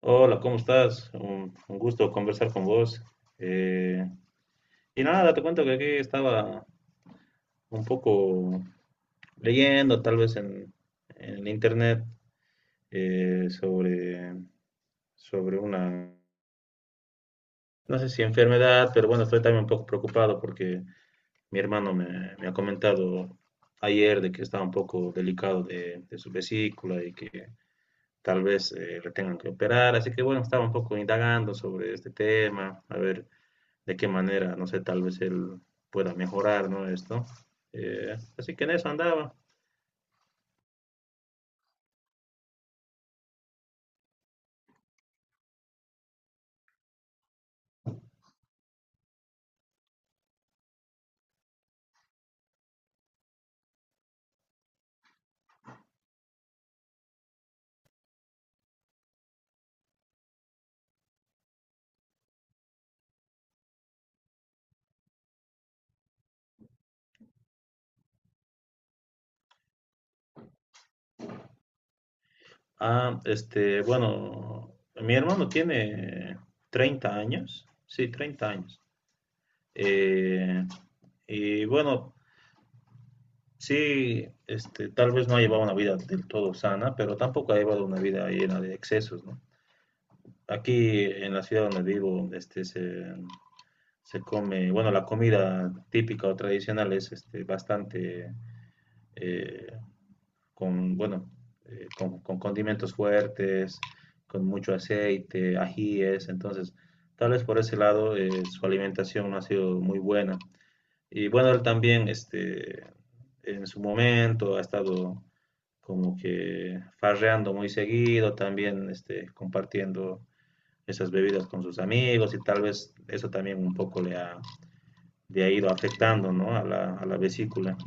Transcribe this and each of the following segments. Hola, ¿cómo estás? Un gusto conversar con vos. Eh, y nada, te cuento que aquí estaba un poco leyendo, tal vez en internet, eh, sobre, sobre una, no sé si enfermedad, pero bueno, estoy también un poco preocupado porque mi hermano me ha comentado ayer de que estaba un poco delicado de su vesícula y que tal vez le tengan que operar. Así que bueno, estaba un poco indagando sobre este tema, a ver, de qué manera, no sé, tal vez él pueda mejorar, ¿no? Esto. Así que en eso andaba. Bueno, mi hermano tiene 30 años, sí, 30 años. Eh, y bueno, sí, este, tal vez no ha llevado una vida del todo sana, pero tampoco ha llevado una vida llena de excesos, ¿no? Aquí en la ciudad donde vivo, se come, bueno, la comida típica o tradicional es este, bastante eh, con, bueno, con condimentos fuertes, con mucho aceite, ajíes, entonces tal vez por ese lado su alimentación no ha sido muy buena. Y bueno, él también este, en su momento ha estado como que farreando muy seguido, también este, compartiendo esas bebidas con sus amigos y tal vez eso también un poco le ha ido afectando, ¿no? A la vesícula.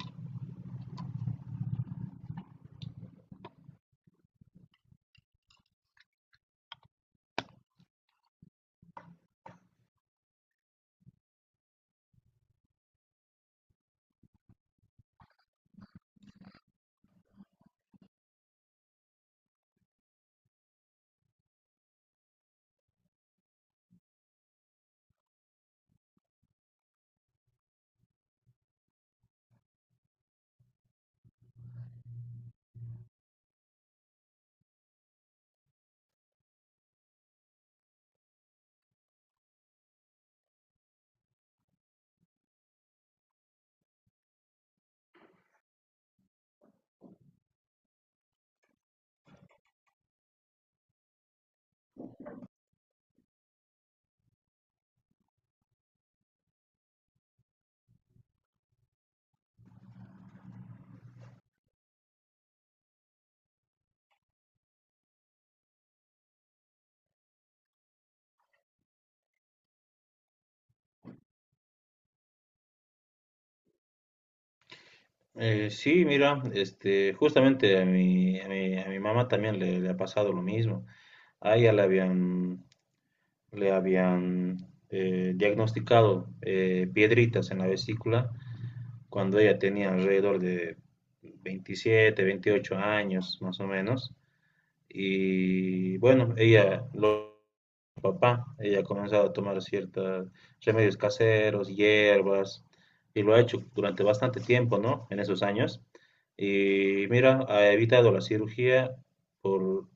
Sí, mira, este, justamente a mi mamá también le ha pasado lo mismo. A ella le habían diagnosticado piedritas en la vesícula cuando ella tenía alrededor de 27, 28 años más o menos. Y bueno, ella ha comenzado a tomar ciertos remedios caseros, hierbas, y lo ha hecho durante bastante tiempo, ¿no? En esos años. Y mira, ha evitado la cirugía por,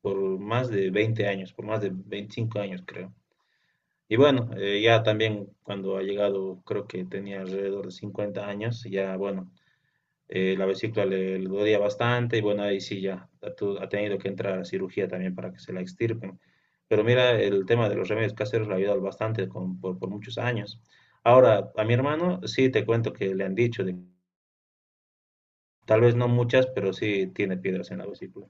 por más de 20 años, por más de 25 años, creo. Y bueno, ya también cuando ha llegado, creo que tenía alrededor de 50 años, ya bueno, la vesícula le dolía bastante y bueno, ahí sí ya ha tenido que entrar a cirugía también para que se la extirpen. Pero mira, el tema de los remedios caseros le ha ayudado bastante por muchos años. Ahora, a mi hermano sí te cuento que le han dicho, de, tal vez no muchas, pero sí tiene piedras en la vesícula.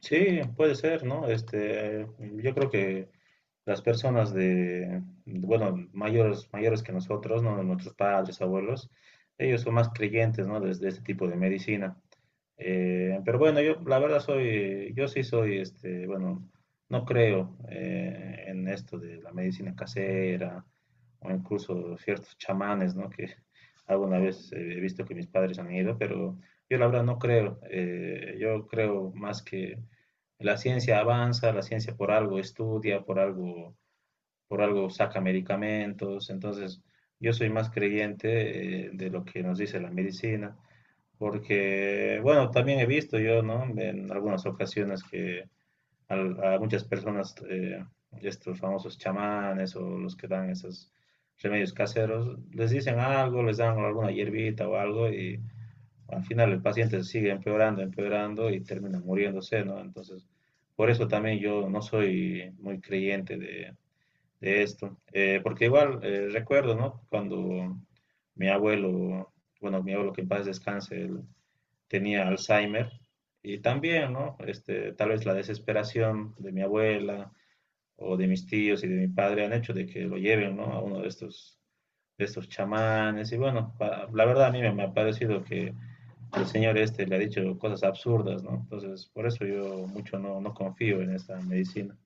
Sí, puede ser, ¿no? Este, yo creo que las personas de, bueno, mayores que nosotros, ¿no? Nuestros padres, abuelos, ellos son más creyentes, ¿no? De este tipo de medicina. Pero bueno, yo sí soy, este, bueno, no creo en esto de la medicina casera o incluso ciertos chamanes, ¿no? Que alguna vez he visto que mis padres han ido, pero yo la verdad no creo. Yo creo más que la ciencia avanza, la ciencia por algo estudia, por algo saca medicamentos. Entonces, yo soy más creyente de lo que nos dice la medicina porque, bueno, también he visto yo, ¿no? En algunas ocasiones que muchas personas, estos famosos chamanes o los que dan esos remedios caseros, les dicen algo, les dan alguna hierbita o algo y al final el paciente sigue empeorando, empeorando y termina muriéndose, ¿no? Entonces, por eso también yo no soy muy creyente de esto. Porque igual recuerdo, ¿no? Cuando mi abuelo, bueno, mi abuelo que en paz descanse, él tenía Alzheimer y también, ¿no? Este, tal vez la desesperación de mi abuela o de mis tíos y de mi padre han hecho de que lo lleven, ¿no? A uno de estos chamanes y bueno, la verdad a mí me ha parecido que el señor este le ha dicho cosas absurdas, ¿no? Entonces, por eso yo mucho no confío en esta medicina.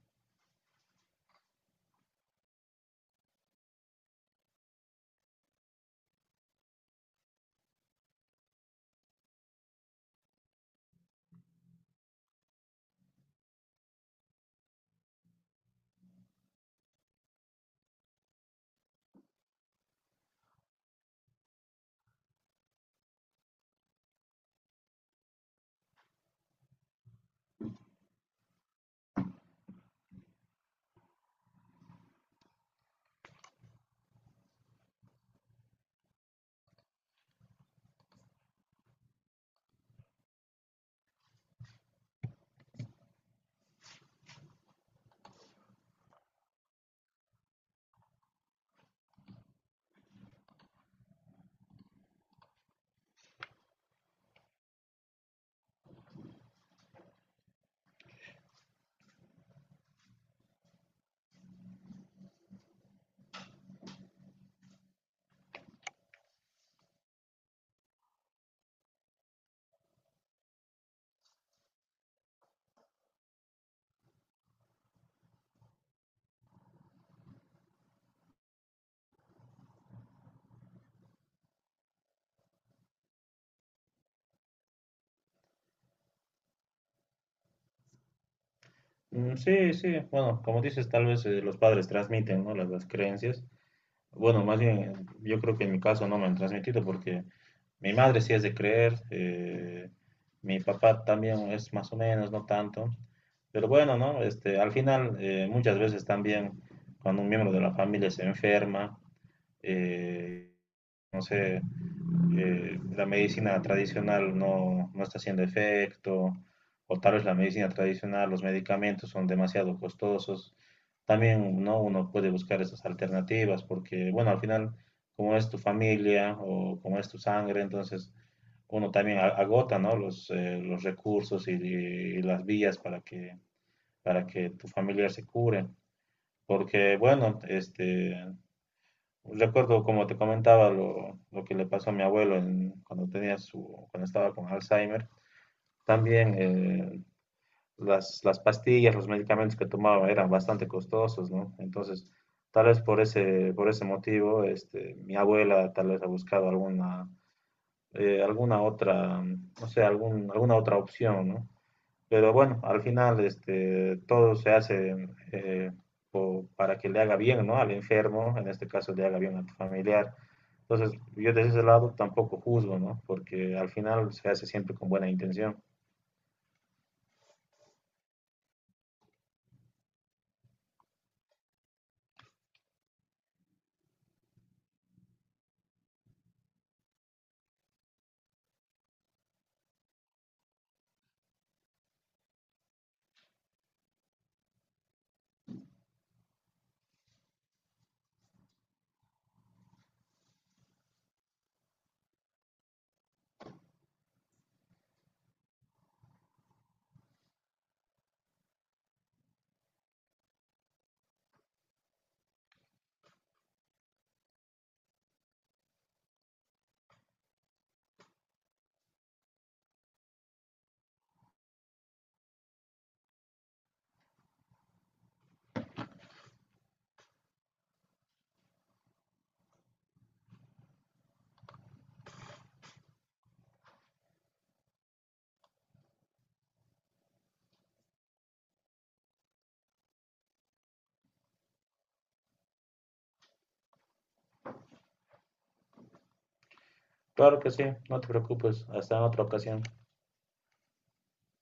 Mm, sí, sí, bueno, como dices, tal vez los padres transmiten, ¿no? Las creencias. Bueno, más bien, yo creo que en mi caso no me han transmitido porque mi madre sí es de creer, mi papá también es más o menos, no tanto. Pero bueno, ¿no? Este, al final, muchas veces también cuando un miembro de la familia se enferma, eh, no sé, la medicina tradicional no está haciendo efecto, o tal vez la medicina tradicional, los medicamentos son demasiado costosos. También, ¿no? Uno puede buscar esas alternativas porque, bueno, al final, como es tu familia o como es tu sangre, entonces uno también agota, ¿no? Los recursos y las vías para que tu familiar se cure. Porque, bueno, este, recuerdo, como te comentaba, lo que le pasó a mi abuelo cuando tenía su, cuando estaba con Alzheimer. También las pastillas, los medicamentos que tomaba eran bastante costosos, ¿no? Entonces, tal vez por ese motivo, este, mi abuela tal vez ha buscado alguna, alguna otra, no sé, alguna otra opción, ¿no? Pero bueno, al final, este, todo se hace para que le haga bien, ¿no? Al enfermo, en este caso, le haga bien a tu familiar. Entonces, yo desde ese lado tampoco juzgo, ¿no? Porque al final se hace siempre con buena intención. Claro que sí, no te preocupes, hasta en otra ocasión.